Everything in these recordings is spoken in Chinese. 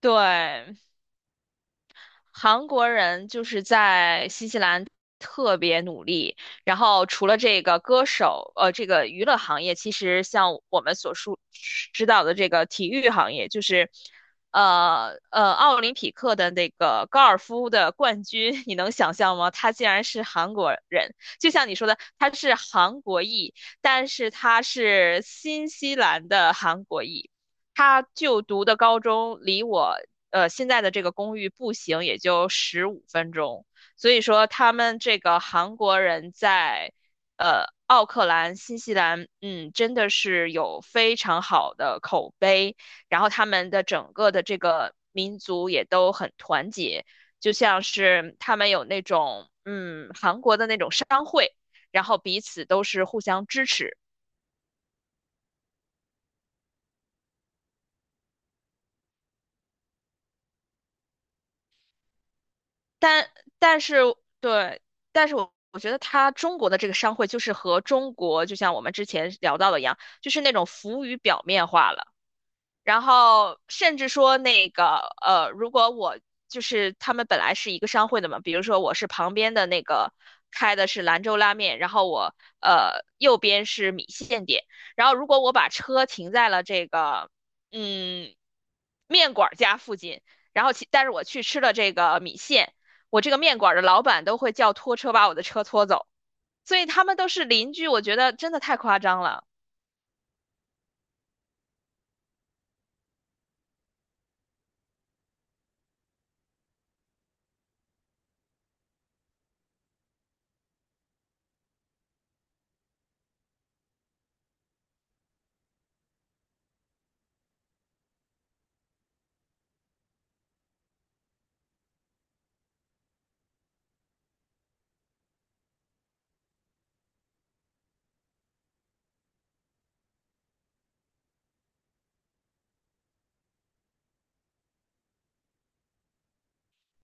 对，韩国人就是在新西兰特别努力。然后除了这个歌手，这个娱乐行业，其实像我们所熟知道的这个体育行业，就是，奥林匹克的那个高尔夫的冠军，你能想象吗？他竟然是韩国人，就像你说的，他是韩国裔，但是他是新西兰的韩国裔。他就读的高中离我现在的这个公寓步行也就15分钟，所以说他们这个韩国人在奥克兰、新西兰，嗯，真的是有非常好的口碑，然后他们的整个的这个民族也都很团结，就像是他们有那种韩国的那种商会，然后彼此都是互相支持。但但是对，但是我觉得他中国的这个商会就是和中国，就像我们之前聊到的一样，就是那种浮于表面化了。然后甚至说那个如果我就是他们本来是一个商会的嘛，比如说我是旁边的那个开的是兰州拉面，然后我右边是米线店，然后如果我把车停在了这个嗯面馆儿家附近，然后其但是我去吃了这个米线，我这个面馆儿的老板都会叫拖车把我的车拖走，所以他们都是邻居，我觉得真的太夸张了，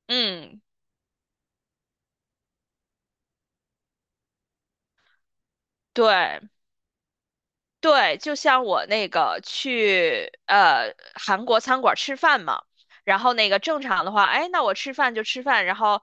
嗯。对，对，就像我那个去韩国餐馆吃饭嘛，然后那个正常的话，哎，那我吃饭就吃饭，然后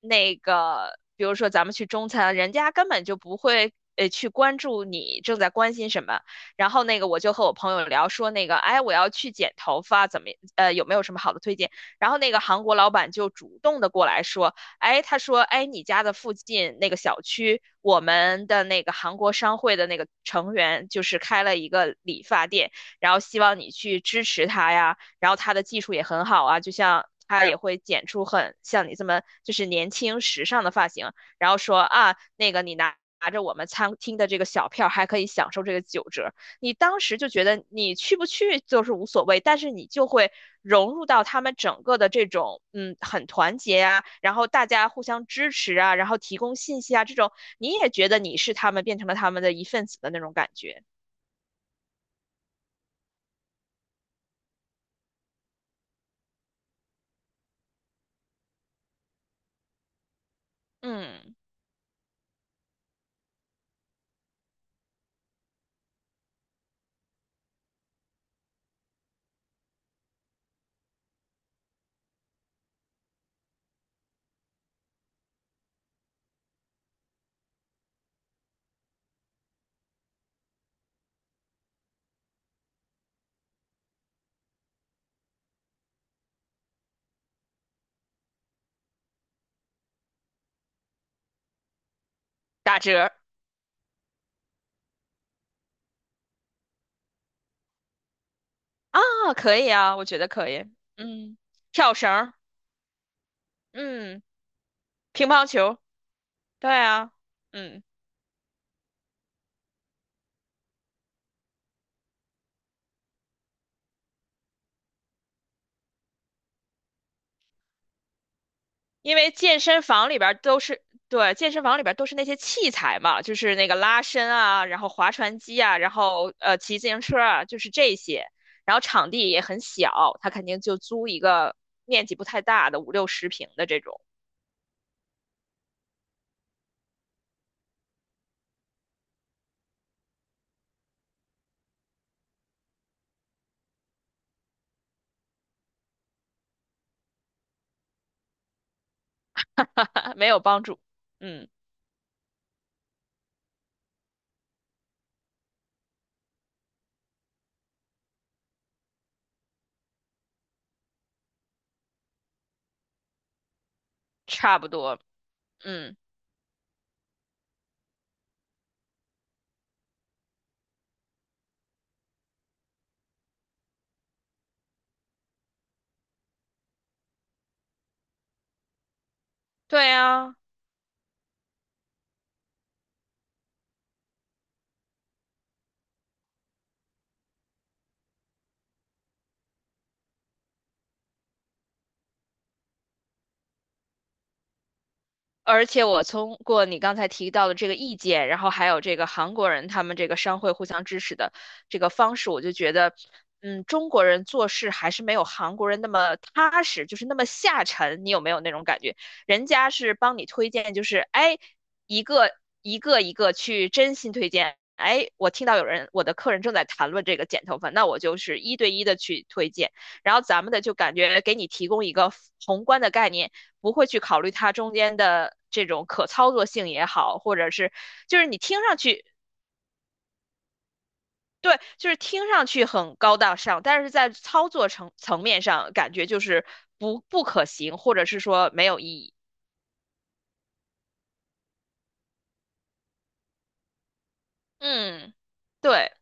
那个比如说咱们去中餐，人家根本就不会去关注你正在关心什么，然后那个我就和我朋友聊说那个，哎，我要去剪头发，怎么有没有什么好的推荐？然后那个韩国老板就主动的过来说。哎，他说，哎，你家的附近那个小区，我们的那个韩国商会的那个成员就是开了一个理发店，然后希望你去支持他呀，然后他的技术也很好啊，就像。他也会剪出很像你这么就是年轻时尚的发型，然后说啊，那个你拿着我们餐厅的这个小票，还可以享受这个9折。你当时就觉得你去不去就是无所谓，但是你就会融入到他们整个的这种，嗯，很团结啊，然后大家互相支持啊，然后提供信息啊，这种你也觉得你是他们，变成了他们的一份子的那种感觉。嗯，打折啊，可以啊，我觉得可以。嗯，跳绳儿，嗯，乒乓球，对啊，嗯。因为健身房里边儿都是，对，健身房里边儿都是那些器材嘛，就是那个拉伸啊，然后划船机啊，然后骑自行车啊，就是这些。然后场地也很小，他肯定就租一个面积不太大的5六十平的这种，没有帮助。嗯，差不多。嗯，对呀、而且我通过你刚才提到的这个意见，然后还有这个韩国人他们这个商会互相支持的这个方式，我就觉得，嗯，中国人做事还是没有韩国人那么踏实，就是那么下沉。你有没有那种感觉？人家是帮你推荐，就是哎，一个一个一个去真心推荐。哎，我听到有人，我的客人正在谈论这个剪头发，那我就是一对一的去推荐。然后咱们的就感觉给你提供一个宏观的概念，不会去考虑它中间的这种可操作性也好，或者是就是你听上去对，就是听上去很高大上，但是在操作层面上感觉就是不可行，或者是说没有意义。嗯，对，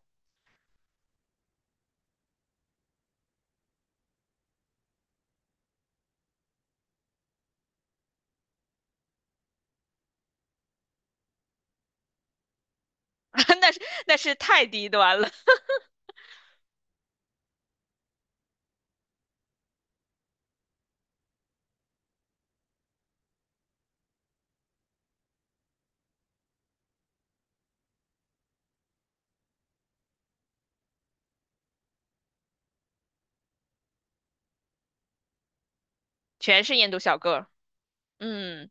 那是那是太低端了，全是印度小哥。嗯。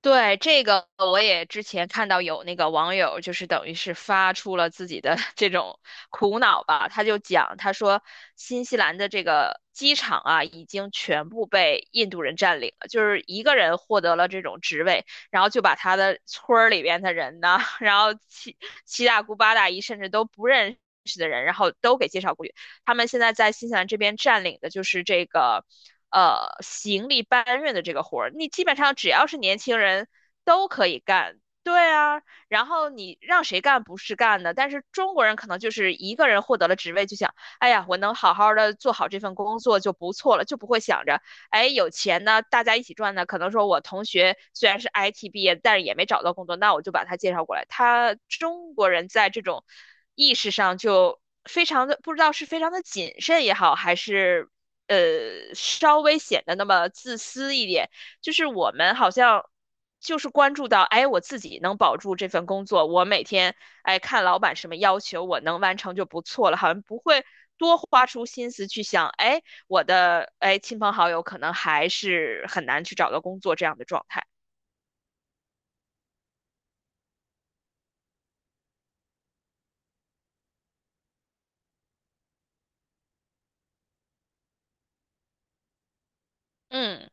对，这个我也之前看到有那个网友，就是等于是发出了自己的 这种苦恼吧。他就讲，他说新西兰的这个机场啊，已经全部被印度人占领了，就是一个人获得了这种职位，然后就把他的村儿里边的人呢，然后七大姑八大姨，甚至都不认识的人，然后都给介绍过去。他们现在在新西兰这边占领的就是这个行李搬运的这个活儿，你基本上只要是年轻人都可以干。对啊，然后你让谁干不是干的，但是中国人可能就是一个人获得了职位就想，哎呀，我能好好的做好这份工作就不错了，就不会想着哎，有钱呢，大家一起赚呢。可能说我同学虽然是 IT 毕业，但是也没找到工作，那我就把他介绍过来。他中国人在这种意识上就非常的，不知道是非常的谨慎也好，还是稍微显得那么自私一点。就是我们好像。就是关注到，哎，我自己能保住这份工作，我每天，哎，看老板什么要求，我能完成就不错了，好像不会多花出心思去想，哎，我的哎亲朋好友可能还是很难去找到工作这样的状态。嗯。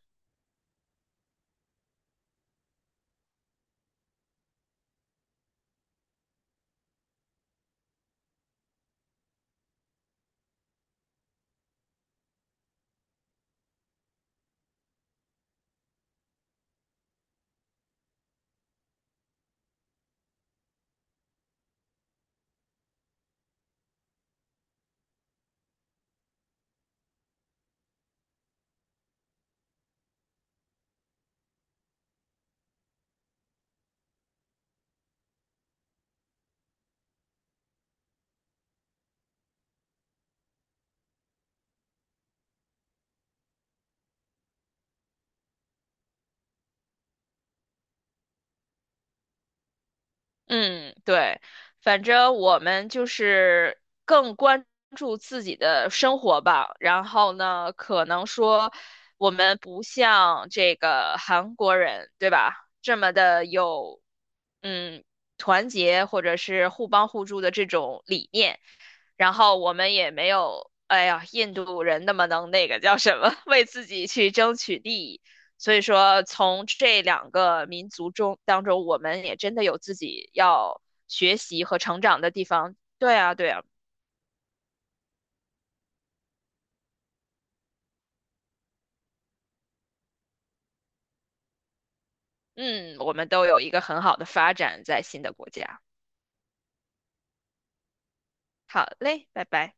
嗯，对，反正我们就是更关注自己的生活吧。然后呢，可能说我们不像这个韩国人，对吧？这么的有，嗯，团结或者是互帮互助的这种理念。然后我们也没有，哎呀，印度人那么能那个叫什么，为自己去争取利益。所以说，从这两个民族中当中，我们也真的有自己要学习和成长的地方。对啊，对啊，嗯，我们都有一个很好的发展在新的国家。好嘞，拜拜。